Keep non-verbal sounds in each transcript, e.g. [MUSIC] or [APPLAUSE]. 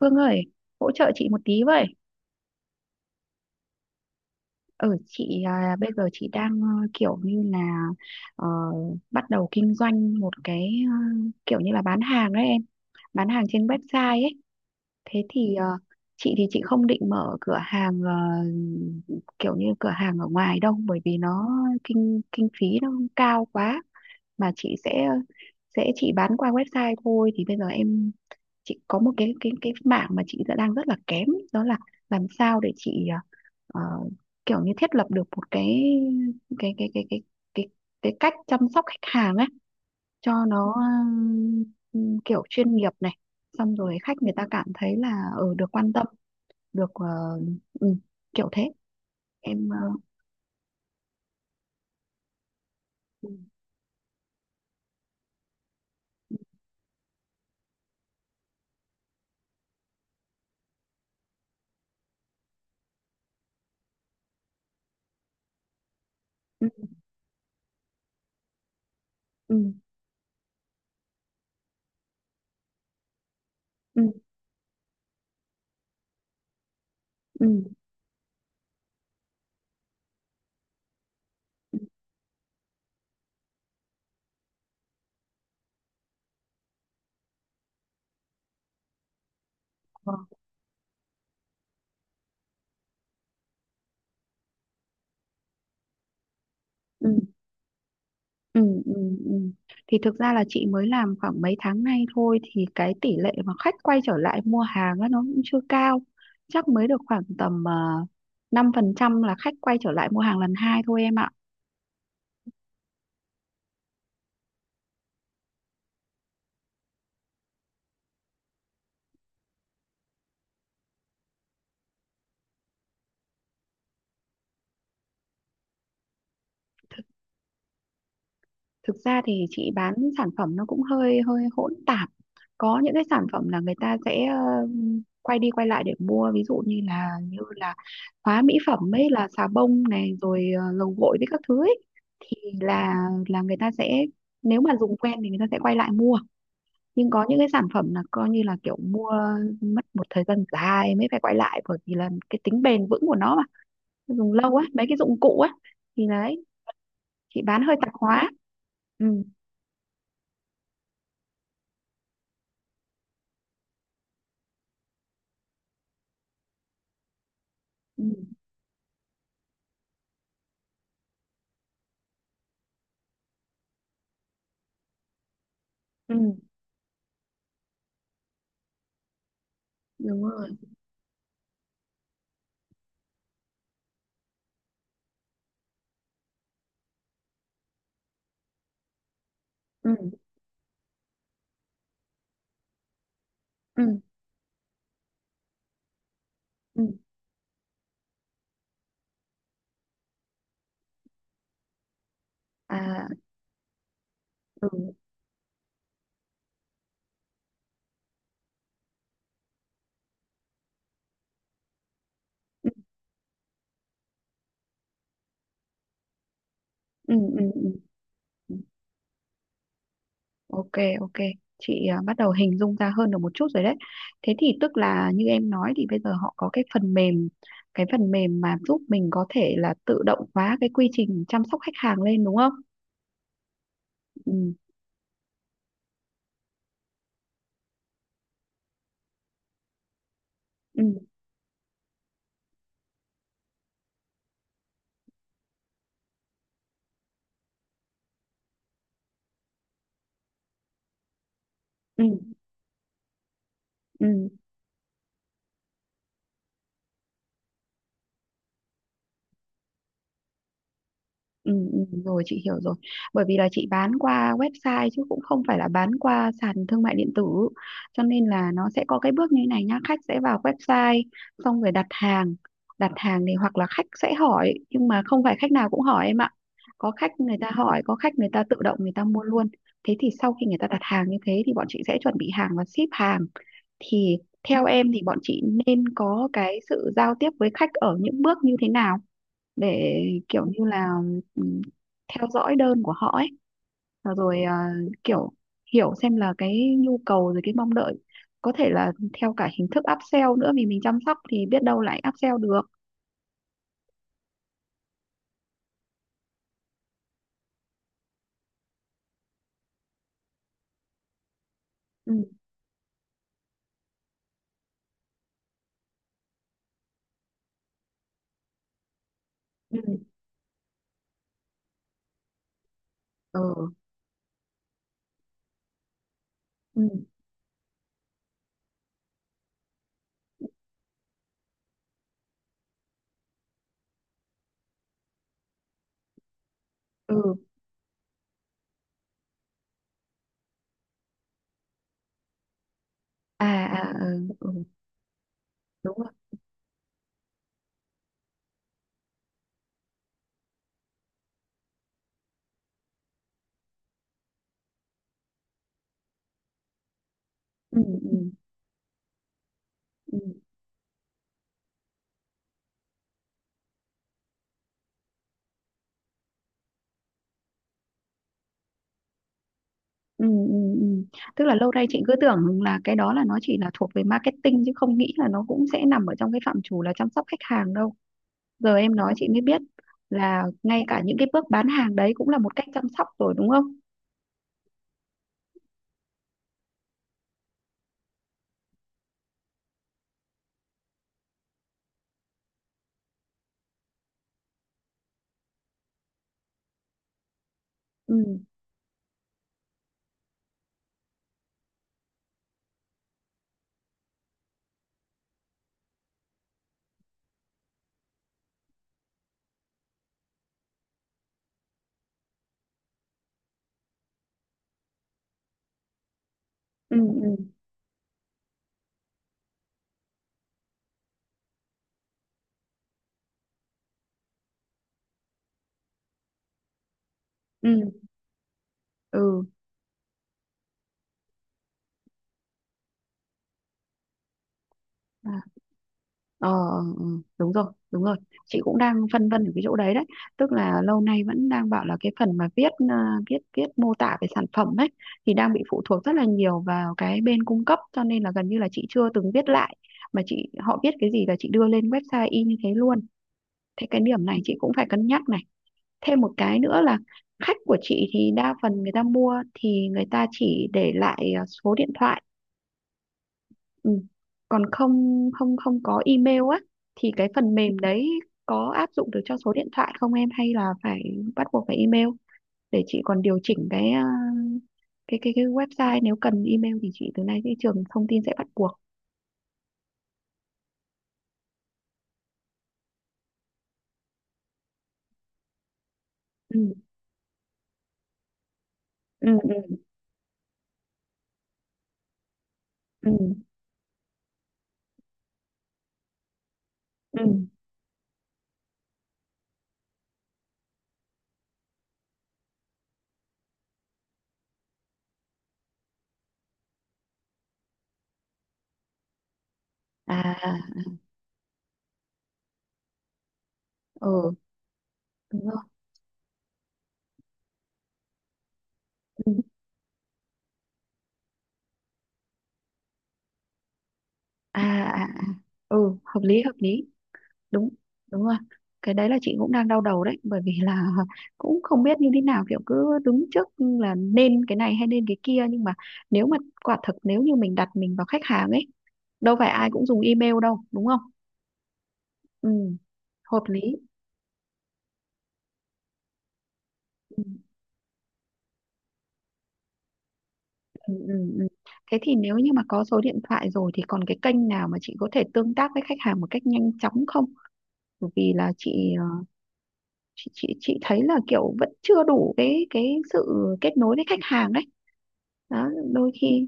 Phương ơi, hỗ trợ chị một tí vậy. Ừ, chị à, bây giờ chị đang kiểu như là ờ, bắt đầu kinh doanh một cái, kiểu như là bán hàng đấy em, bán hàng trên website ấy. Thế thì chị thì chị không định mở cửa hàng, kiểu như cửa hàng ở ngoài đâu, bởi vì nó kinh kinh phí nó cao quá, mà chị sẽ chị bán qua website thôi. Thì bây giờ em, chị có một cái mảng mà chị đang rất là kém, đó là làm sao để chị ờ, kiểu như thiết lập được một cái cái cái cái cái cái cách chăm sóc khách hàng ấy cho nó kiểu chuyên nghiệp này, xong rồi khách người ta cảm thấy là ở được quan tâm, được ừ, kiểu thế em. Ờ, ừ, ừ, ừ, ừ, ừ, ừ, ừ, ừ, Ừ, ừ, ừ. Thì thực ra là chị mới làm khoảng mấy tháng nay thôi, thì cái tỷ lệ mà khách quay trở lại mua hàng á, nó cũng chưa cao, chắc mới được khoảng tầm uh, 5% là khách quay trở lại mua hàng lần hai thôi em ạ. Thực ra thì chị bán sản phẩm nó cũng hơi hơi hỗn tạp, có những cái sản phẩm là người ta sẽ quay đi quay lại để mua, ví dụ như là hóa mỹ phẩm ấy, là xà bông này rồi dầu gội với các thứ ấy, thì là người ta sẽ, nếu mà dùng quen thì người ta sẽ quay lại mua. Nhưng có những cái sản phẩm là coi như là kiểu mua mất một thời gian dài mới phải quay lại, bởi vì là cái tính bền vững của nó mà, dùng lâu á, mấy cái dụng cụ á, thì đấy, chị bán hơi tạp hóa. Ừ. Ừ. Ừ, đúng rồi. Ừ, ừ, ừ. À, ừ, ừ, ừ, ừ. Ừ, ừ. Ok, ok. Chị à, bắt đầu hình dung ra hơn được một chút rồi đấy. Thế thì tức là như em nói thì bây giờ họ có cái phần mềm mà giúp mình có thể là tự động hóa cái quy trình chăm sóc khách hàng lên, đúng không? Ừ, ừ, ừ, ừ. Ừ, ừ, rồi chị hiểu rồi. Bởi vì là chị bán qua website chứ cũng không phải là bán qua sàn thương mại điện tử, cho nên là nó sẽ có cái bước như thế này nhá: khách sẽ vào website, xong rồi đặt hàng. Đặt hàng thì hoặc là khách sẽ hỏi, nhưng mà không phải khách nào cũng hỏi em ạ, có khách người ta hỏi, có khách người ta tự động người ta mua luôn. Thế thì sau khi người ta đặt hàng như thế thì bọn chị sẽ chuẩn bị hàng và ship hàng, thì theo em thì bọn chị nên có cái sự giao tiếp với khách ở những bước như thế nào, để kiểu như là ừm, theo dõi đơn của họ ấy, và rồi kiểu hiểu xem là cái nhu cầu rồi cái mong đợi, có thể là theo cả hình thức upsell nữa, vì mình chăm sóc thì biết đâu lại upsell được. Ừ, ừ, ừ, ừ, ừ, à, à, ừ, ừ, đúng rồi, ừ, ừ, ừ, ừ, ừ, ừ. Tức là lâu nay chị cứ tưởng là cái đó là nó chỉ là thuộc về marketing, chứ không nghĩ là nó cũng sẽ nằm ở trong cái phạm trù là chăm sóc khách hàng đâu. Giờ em nói chị mới biết là ngay cả những cái bước bán hàng đấy cũng là một cách chăm sóc rồi, đúng không? Ừ, ừ, ừ, ừ, ừ, à, ờ, ừ, đúng rồi, đúng rồi. Chị cũng đang phân vân ở cái chỗ đấy đấy, tức là lâu nay vẫn đang bảo là cái phần mà viết à, viết viết mô tả về sản phẩm ấy, thì đang bị phụ thuộc rất là nhiều vào cái bên cung cấp, cho nên là gần như là chị chưa từng viết lại, mà chị, họ viết cái gì là chị đưa lên website y như thế luôn. Thế cái điểm này chị cũng phải cân nhắc này. Thêm một cái nữa là khách của chị thì đa phần người ta mua thì người ta chỉ để lại số điện thoại. Ừ. Còn không không không có email á, thì cái phần mềm đấy có áp dụng được cho số điện thoại không em, hay là phải bắt buộc phải email, để chị còn điều chỉnh cái à, cái cái website, nếu cần email thì chị từ nay cái trường thông tin sẽ bắt buộc. Ừ, ừ, ừ, ừ, ừ, à, ừ, đúng rồi, ừ. À, à, à. Ừ, hợp lý, hợp lý, đúng đúng rồi. Cái đấy là chị cũng đang đau đầu đấy, bởi vì là [LAUGHS] cũng không biết như thế nào, kiểu cứ đứng trước là nên cái này hay nên cái kia, nhưng mà nếu mà quả thực nếu như mình đặt mình vào khách hàng ấy, đâu phải ai cũng dùng email đâu, đúng không? Ừ, hợp lý. Ừ, ừ, ừ. Thế thì nếu như mà có số điện thoại rồi thì còn cái kênh nào mà chị có thể tương tác với khách hàng một cách nhanh chóng không, bởi vì là chị ờ, chị thấy là kiểu vẫn chưa đủ cái sự kết nối với khách hàng đấy, đó, đôi khi.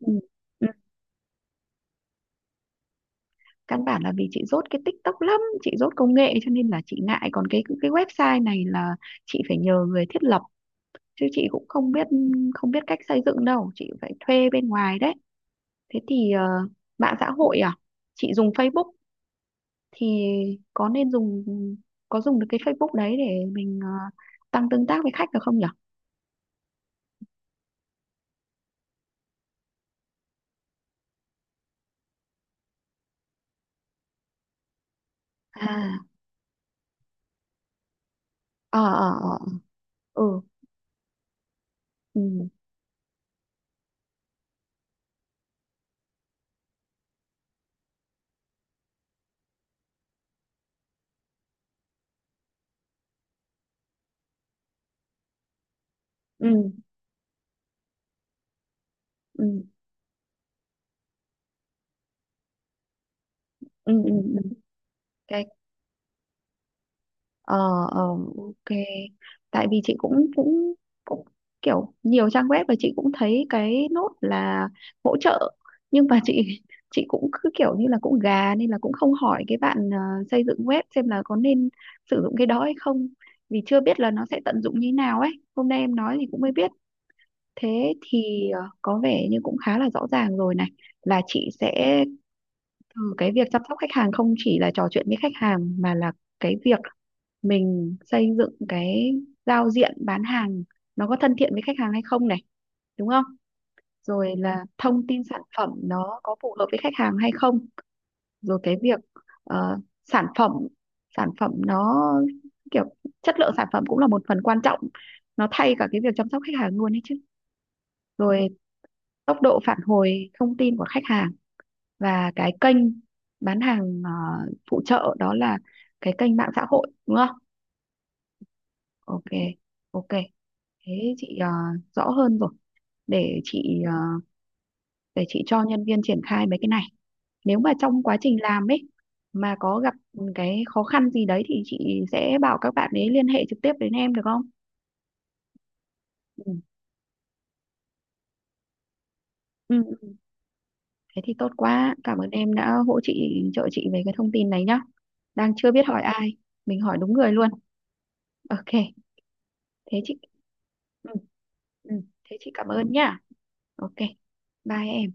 Ừ. Ừ. Căn bản là vì chị dốt cái TikTok lắm, chị dốt công nghệ cho nên là chị ngại, còn cái website này là chị phải nhờ người thiết lập, chứ chị cũng không biết, cách xây dựng đâu, chị phải thuê bên ngoài đấy. Thế thì mạng xã hội à? Chị dùng Facebook thì có nên dùng có dùng được cái Facebook đấy để mình tăng tương tác với khách được không nhỉ? À, ờ, ờ, ờ. Ừ, ừ, ừ, ừ, ừ, ừ. Ừ. Cái ờ ờ, ok, tại vì chị cũng cũng cũng kiểu nhiều trang web và chị cũng thấy cái nốt là hỗ trợ, nhưng mà chị cũng cứ kiểu như là cũng gà, nên là cũng không hỏi cái bạn xây dựng web xem là có nên sử dụng cái đó hay không, vì chưa biết là nó sẽ tận dụng như thế nào ấy, hôm nay em nói thì cũng mới biết. Thế thì có vẻ như cũng khá là rõ ràng rồi này, là chị sẽ, ừ, cái việc chăm sóc khách hàng không chỉ là trò chuyện với khách hàng mà là cái việc mình xây dựng cái giao diện bán hàng nó có thân thiện với khách hàng hay không này, đúng không? Rồi là thông tin sản phẩm nó có phù hợp với khách hàng hay không, rồi cái việc ờ, sản phẩm sản phẩm nó kiểu chất lượng sản phẩm cũng là một phần quan trọng, nó thay cả cái việc chăm sóc khách hàng luôn ấy chứ. Rồi tốc độ phản hồi thông tin của khách hàng, và cái kênh bán hàng phụ trợ, đó là cái kênh mạng xã hội, đúng không? Ok, ok. Thế chị rõ hơn rồi. Để chị ờ, để chị cho nhân viên triển khai mấy cái này. Nếu mà trong quá trình làm ấy mà có gặp cái khó khăn gì đấy thì chị sẽ bảo các bạn ấy liên hệ trực tiếp đến em được không? Ừ. Ừ. Thế thì tốt quá. Cảm ơn em đã hỗ chị trợ chị về cái thông tin này nhá. Đang chưa biết hỏi ai, mình hỏi đúng người luôn. Ok. thế chị Ừ, ừ, thế chị cảm ơn nhá. Ok, bye em.